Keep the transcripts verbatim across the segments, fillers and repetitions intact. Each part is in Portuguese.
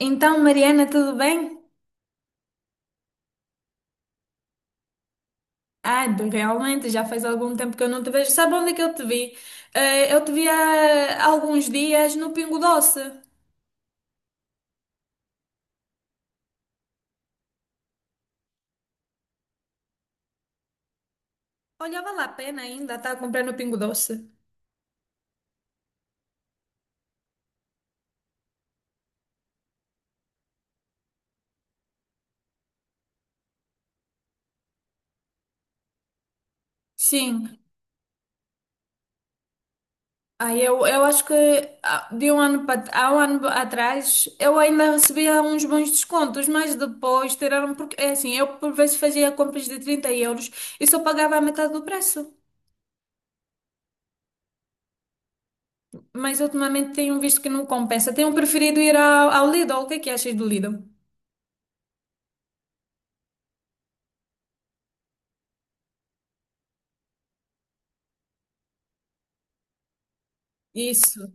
Então, Mariana, tudo bem? Ah, de- realmente, já faz algum tempo que eu não te vejo. Sabe onde é que eu te vi? Eh, eu te vi há alguns dias no Pingo Doce. Olha, vale a pena ainda estar a comprar no Pingo Doce. Sim. Ah, eu, eu acho que ah, de um ano para, há um ano atrás eu ainda recebia uns bons descontos, mas depois tiraram, porque é assim, eu por vezes fazia compras de trinta euros e só pagava a metade do preço. Mas ultimamente tenho visto que não compensa. Tenho preferido ir ao, ao Lidl. O que é que achas do Lidl? Isso,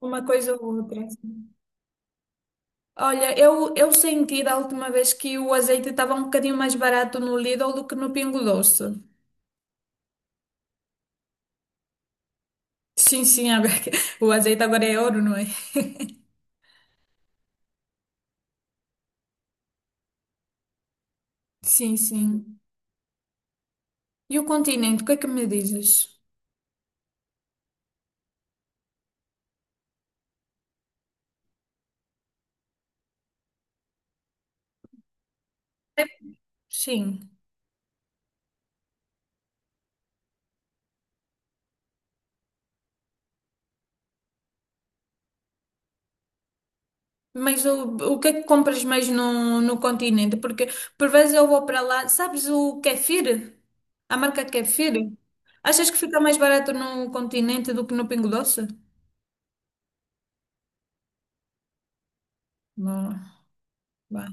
uma coisa ou outra. Olha, eu, eu senti da última vez que o azeite estava um bocadinho mais barato no Lidl do que no Pingo Doce. Sim, sim, agora que- o azeite agora é ouro, não é? Sim, sim. E o continente, o que é que me dizes? Sim. Mas o, o que é que compras mais no, no continente? Porque por vezes eu vou para lá. Sabes o kefir? A marca kefir? Achas que fica mais barato no continente do que no Pingo Doce? Não, vá,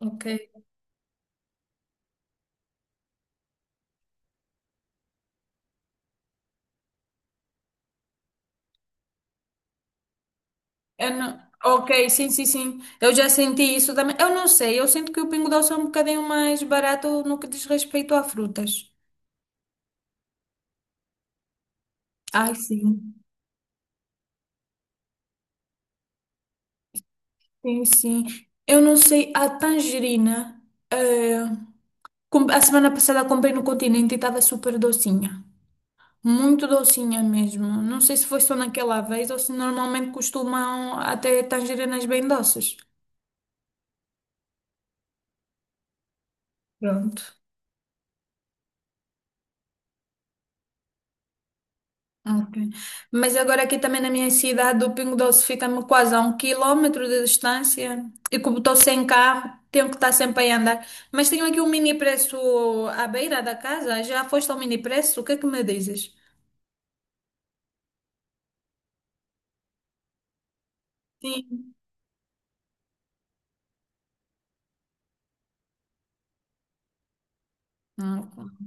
ok. Eu não- Ok, sim, sim, sim. Eu já senti isso também. Eu não sei, eu sinto que o Pingo Doce é um bocadinho mais barato no que diz respeito a frutas. Ai, sim. Sim, sim. Eu não sei, a tangerina. eh, Com- A semana passada comprei no Continente e estava super docinha. Muito docinha mesmo. Não sei se foi só naquela vez ou se normalmente costumam até tangerinas bem doces. Pronto. Ok. Mas agora aqui também, na minha cidade, o Pingo Doce fica-me quase a um quilómetro de distância, e como estou sem carro, tenho que estar sempre a andar. Mas tenho aqui um mini preço à beira da casa. Já foste ao mini preço? O que é que me dizes? Sim. Ok.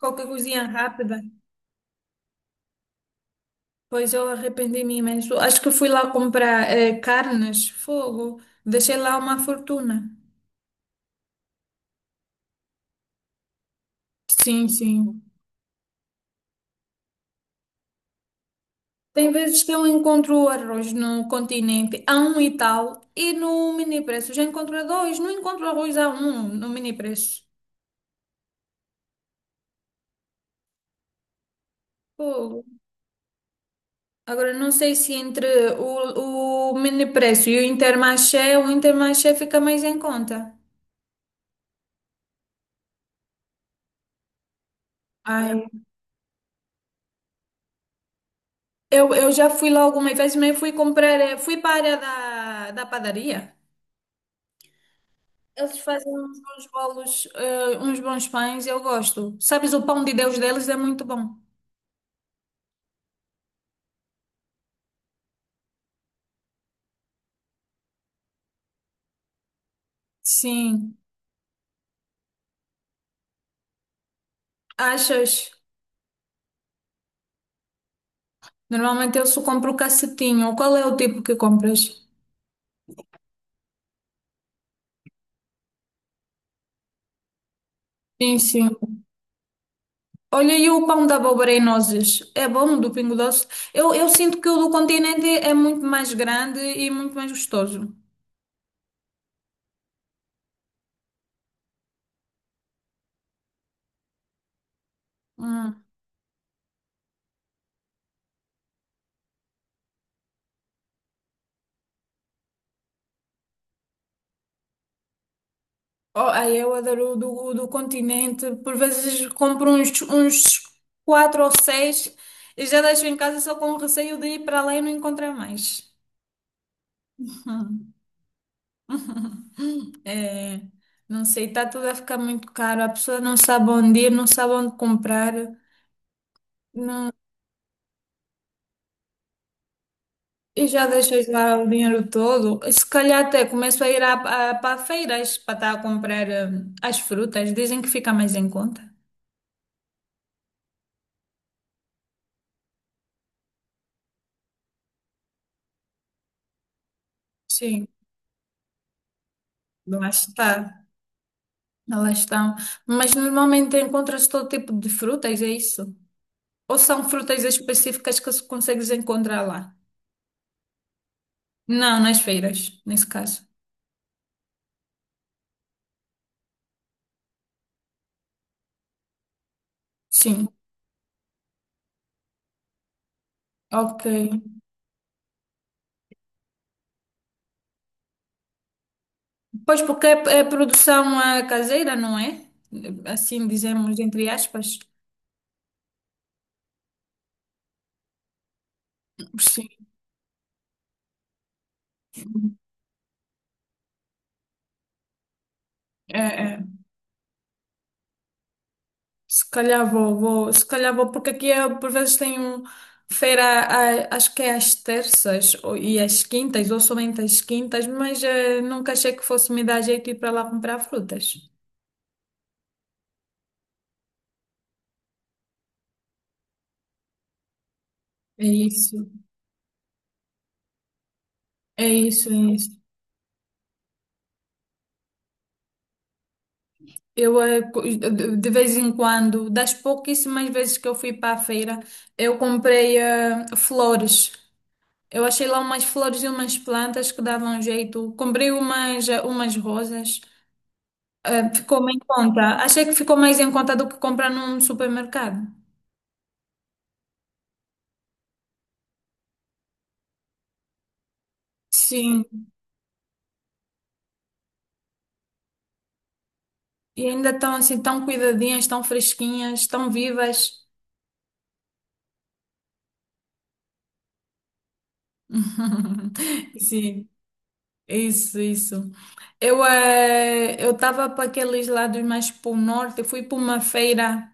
Qualquer coisinha rápida. Pois eu arrependi-me imenso. Acho que fui lá comprar eh, carnes, fogo. Deixei lá uma fortuna. Sim, sim. Tem vezes que eu encontro arroz no continente a um e tal, e no mini preço já encontro a dois. Não encontro arroz a um no mini preço. Fogo. Agora, não sei se entre o, o mini preço e o Intermarché, o Intermarché fica mais em conta. Ai, eu, eu já fui lá algumas vezes, mas fui comprar, eh, fui para a área da, da padaria. Eles fazem uns bons bolos, eh, uns bons pães, eu gosto. Sabes, o pão de Deus deles é muito bom. Sim. Achas? Normalmente eu só compro o cacetinho. Qual é o tipo que compras? Sim, sim. Olha, e o pão da abóbora e nozes? É bom do Pingo Doce? Eu, eu sinto que o do continente é muito mais grande e muito mais gostoso. Hum. Oh, ai, eu adoro o do, o do Continente. Por vezes compro uns, uns quatro ou seis e já deixo em casa só com receio de ir para lá e não encontrar mais. É, não sei, está tudo a ficar muito caro. A pessoa não sabe onde ir, não sabe onde comprar. Não, e já deixas lá o dinheiro todo. E se calhar até começo a ir à, à, para feiras, para estar a comprar hum, as frutas. Dizem que fica mais em conta. Sim, lá está. Elas estão. Mas normalmente encontra-se todo tipo de frutas, é isso? Ou são frutas específicas que se consegues encontrar lá? Não, nas feiras, nesse caso. Sim, ok. Pois porque é, é produção eh, caseira, não é? Assim dizemos, entre aspas. Sim, é, é. Se calhar vou, vou, se calhar vou, porque aqui eh, por vezes tem um feira, a- acho que é às terças ou, e às quintas, ou somente às quintas, mas eh, nunca achei que fosse me dar jeito ir para lá comprar frutas. É isso, é isso, é isso. Eu, eh, co- de de vez em quando, das pouquíssimas vezes que eu fui para a feira, eu comprei eh, flores. Eu achei lá umas flores e umas plantas que davam jeito. Comprei umas, eh, umas rosas. Eh, ficou mais em conta. Achei que ficou mais em conta do que comprar num supermercado. Sim, e ainda estão assim tão cuidadinhas, tão fresquinhas, tão vivas. Sim, isso, isso. Eu eh, eu estava para aqueles lados mais para o norte, fui para uma feira,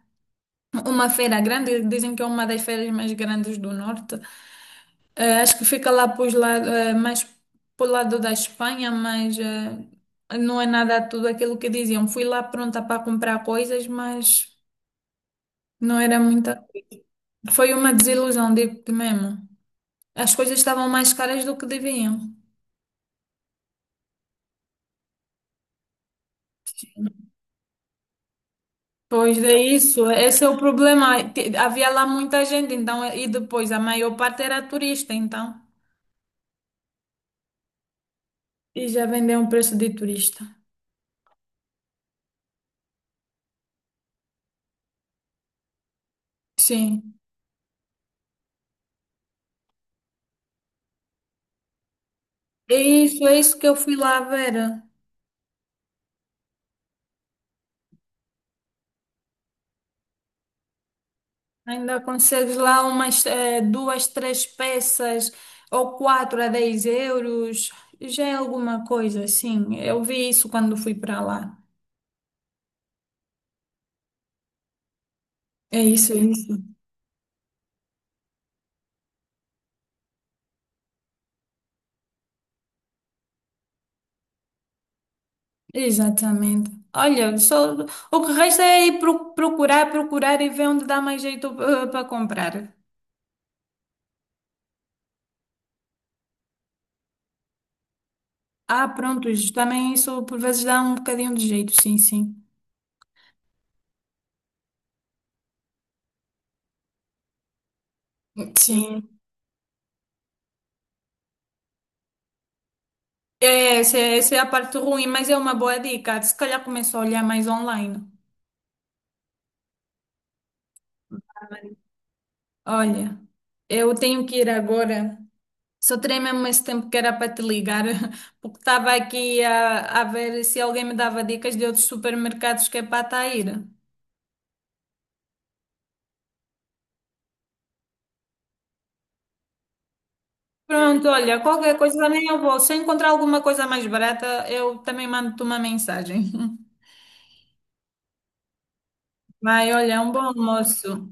uma feira grande. Dizem que é uma das feiras mais grandes do norte. É, acho que fica lá pros lado, é, mais pro lado da Espanha, mas é, não é nada tudo aquilo que diziam. Fui lá pronta para comprar coisas, mas não era muita coisa. Foi uma desilusão, digo-te mesmo. As coisas estavam mais caras do que deviam. Pois é isso, esse é o problema. Te- Havia lá muita gente, então, e depois a maior parte era turista, então. E já vendeu um preço de turista. Sim. É isso, é isso que eu fui lá ver. Ainda consegues lá umas eh, duas, três peças ou quatro, a dez euros. Já é alguma coisa, sim. Eu vi isso quando fui para lá. É isso, é isso. Exatamente. Olha, só, o que resta é ir pro- procurar, procurar e ver onde dá mais jeito eh, para comprar. Ah, pronto, isso também, isso por vezes dá um bocadinho de jeito, sim, sim. Sim. É, essa, é essa é a parte ruim, mas é uma boa dica. Se calhar começo a olhar mais online. Olha, eu tenho que ir agora. Só terei mesmo esse tempo que era para te ligar, porque estava aqui a, a ver se alguém me dava dicas de outros supermercados que é para estar a ir. Pronto, olha, qualquer coisa também eu vou. Se eu encontrar alguma coisa mais barata, eu também mando-te uma mensagem. Vai, olha, um bom almoço.